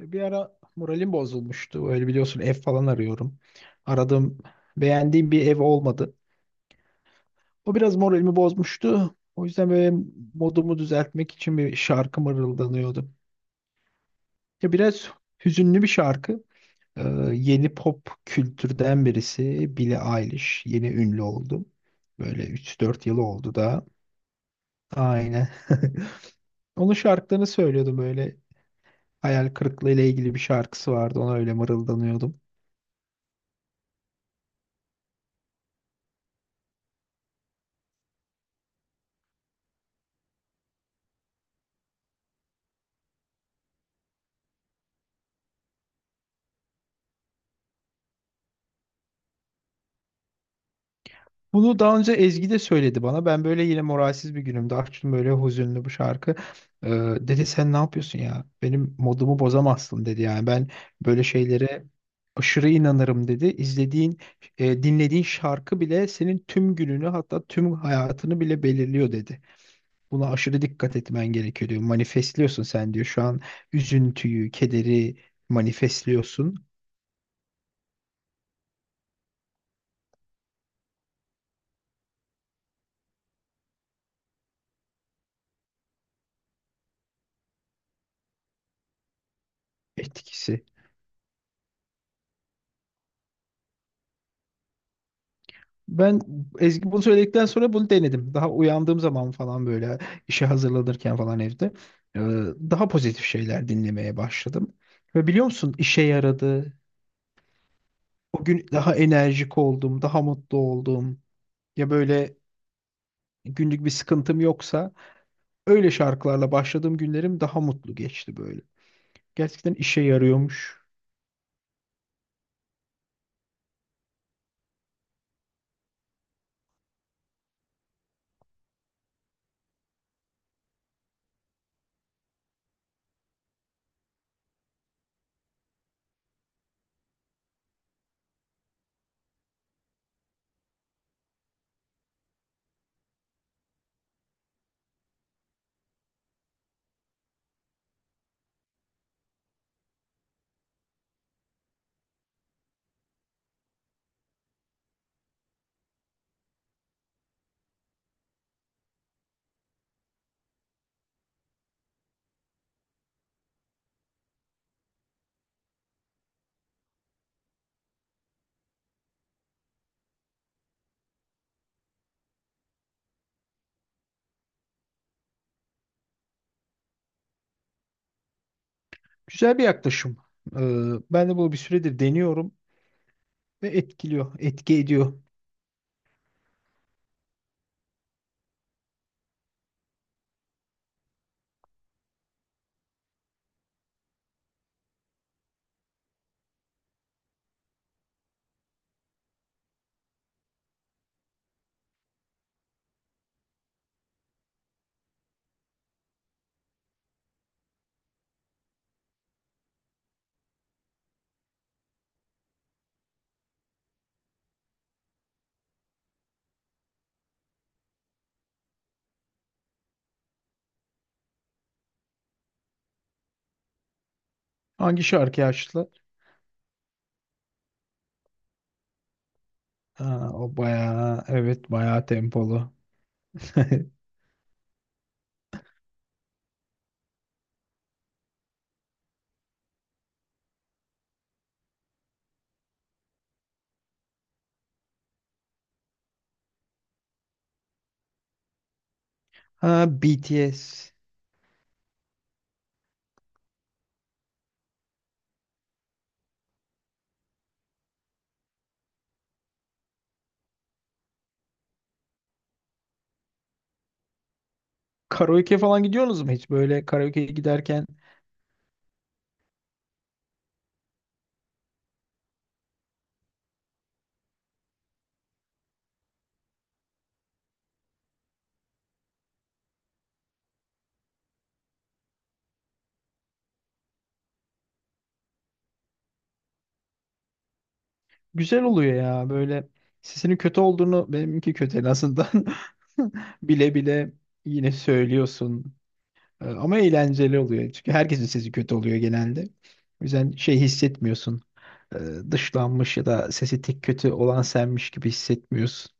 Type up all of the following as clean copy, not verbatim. Bir ara moralim bozulmuştu. Öyle biliyorsun ev falan arıyorum. Aradığım, beğendiğim bir ev olmadı. O biraz moralimi bozmuştu. O yüzden böyle modumu düzeltmek için bir şarkı mırıldanıyordu. Ya biraz hüzünlü bir şarkı. Ee, yeni pop kültürden birisi Billie Eilish. Yeni ünlü oldu. Böyle 3-4 yıl oldu da. Aynen. Onun şarkılarını söylüyordum böyle. Hayal kırıklığı ile ilgili bir şarkısı vardı. Ona öyle mırıldanıyordum. Bunu daha önce Ezgi de söyledi bana. Ben böyle yine moralsiz bir günümde açtım böyle hüzünlü bu şarkı. Ee, dedi sen ne yapıyorsun ya? Benim modumu bozamazsın dedi. Yani ben böyle şeylere aşırı inanırım dedi. İzlediğin, dinlediğin şarkı bile senin tüm gününü hatta tüm hayatını bile belirliyor dedi. Buna aşırı dikkat etmen gerekiyor diyor. Manifestliyorsun sen diyor. Şu an üzüntüyü, kederi manifestliyorsun etkisi. Ben Ezgi bunu söyledikten sonra bunu denedim. Daha uyandığım zaman falan böyle işe hazırlanırken falan evde e, daha pozitif şeyler dinlemeye başladım. Ve biliyor musun işe yaradı. O gün daha enerjik oldum, daha mutlu oldum. Ya böyle günlük bir sıkıntım yoksa öyle şarkılarla başladığım günlerim daha mutlu geçti böyle. Gerçekten işe yarıyormuş. Güzel bir yaklaşım. E, Ben de bunu bir süredir deniyorum ve etkiliyor, etki ediyor. Hangi şarkıyı açtı? Ha, o bayağı evet bayağı tempolu. Ha BTS. Karaoke falan gidiyorsunuz mu hiç? Böyle karaoke'ye giderken güzel oluyor ya. Böyle sesinin kötü olduğunu benimki kötü en azından bile bile yine söylüyorsun. Ama eğlenceli oluyor. Çünkü herkesin sesi kötü oluyor genelde. O yüzden şey hissetmiyorsun. Ee, Dışlanmış ya da sesi tek kötü olan senmiş gibi hissetmiyorsun.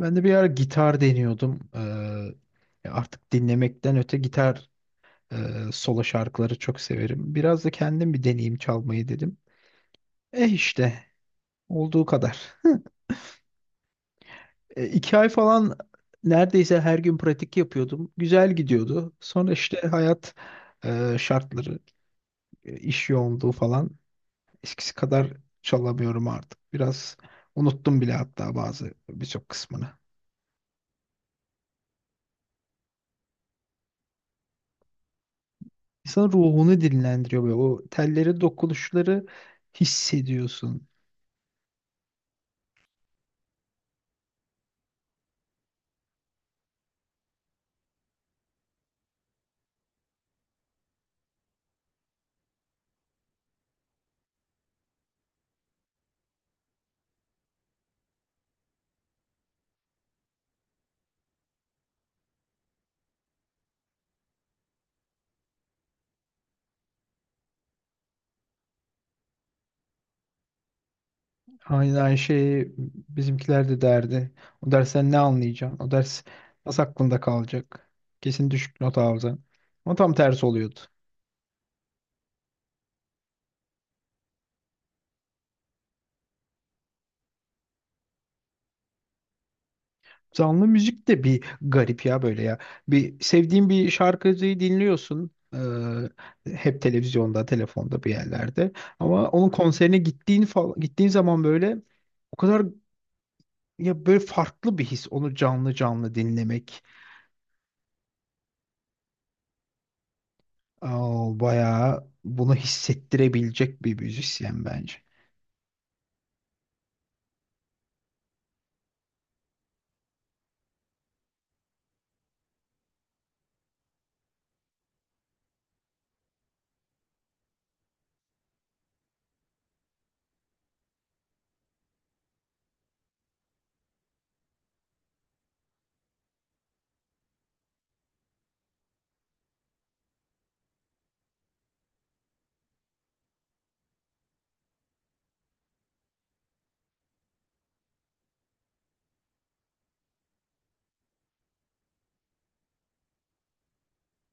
Ben de bir ara gitar deniyordum. Artık dinlemekten öte gitar e, solo şarkıları çok severim. Biraz da kendim bir deneyeyim çalmayı dedim. E işte olduğu kadar. 2 ay falan neredeyse her gün pratik yapıyordum. Güzel gidiyordu. Sonra işte hayat şartları, iş yoğunluğu falan eskisi kadar çalamıyorum artık. Biraz unuttum bile hatta bazı birçok kısmını. İnsanın ruhunu dinlendiriyor böyle. O tellerin dokunuşları hissediyorsun. Aynı şey bizimkiler de derdi. O dersten ne anlayacaksın? O ders nasıl aklında kalacak? Kesin düşük not alacaksın. Ama tam tersi oluyordu. Canlı müzik de bir garip ya böyle ya. Bir sevdiğin bir şarkıcıyı dinliyorsun. Hep televizyonda, telefonda bir yerlerde. Ama onun konserine gittiğin zaman böyle o kadar ya böyle farklı bir his onu canlı canlı dinlemek. Aa, bayağı bunu hissettirebilecek bir müzisyen bence.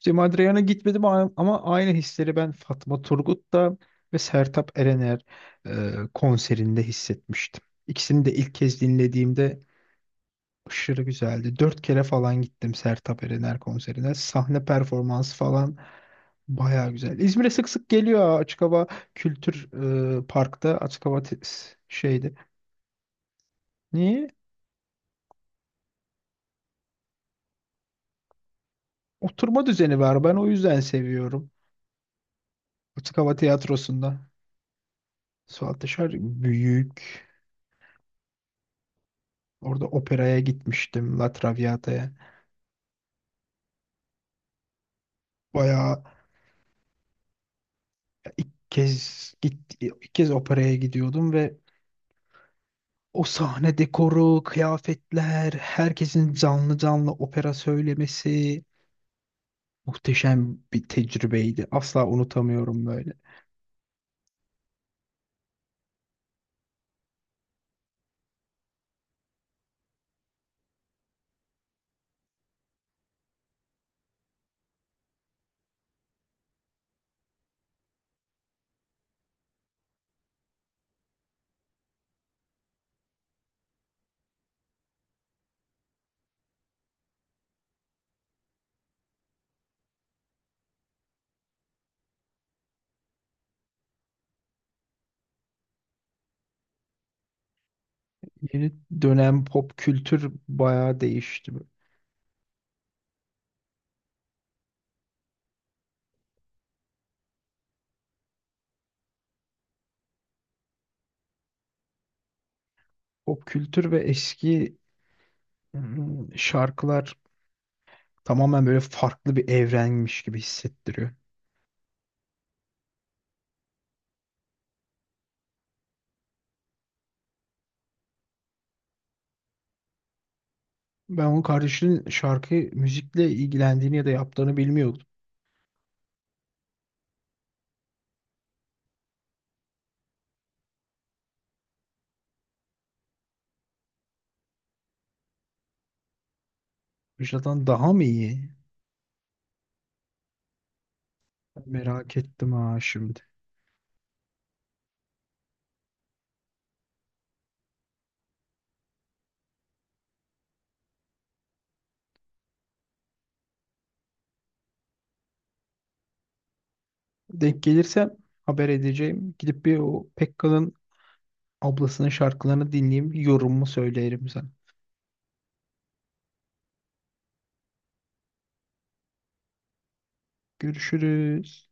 İşte Madriyan'a gitmedim ama aynı hisleri ben Fatma Turgut'ta ve Sertab Erener konserinde hissetmiştim. İkisini de ilk kez dinlediğimde aşırı güzeldi. 4 kere falan gittim Sertab Erener konserine. Sahne performansı falan baya güzel. İzmir'e sık sık geliyor Açık Hava Kültür Park'ta. Açık Hava şeydi. Niye? Oturma düzeni var. Ben o yüzden seviyorum. Açık Hava Tiyatrosu'nda. Suat Yaşar büyük. Orada operaya gitmiştim. La Traviata'ya. Baya ilk kez operaya gidiyordum ve o sahne dekoru, kıyafetler, herkesin canlı canlı opera söylemesi muhteşem bir tecrübeydi. Asla unutamıyorum böyle. Yeni dönem pop kültür bayağı değişti. Pop kültür ve eski şarkılar tamamen böyle farklı bir evrenmiş gibi hissettiriyor. Ben onun kardeşinin müzikle ilgilendiğini ya da yaptığını bilmiyordum. Vücuttan daha mı iyi? Merak ettim ha şimdi. Denk gelirsem haber edeceğim. Gidip bir o Pekkal'ın ablasının şarkılarını dinleyeyim. Yorumumu söylerim sana. Görüşürüz.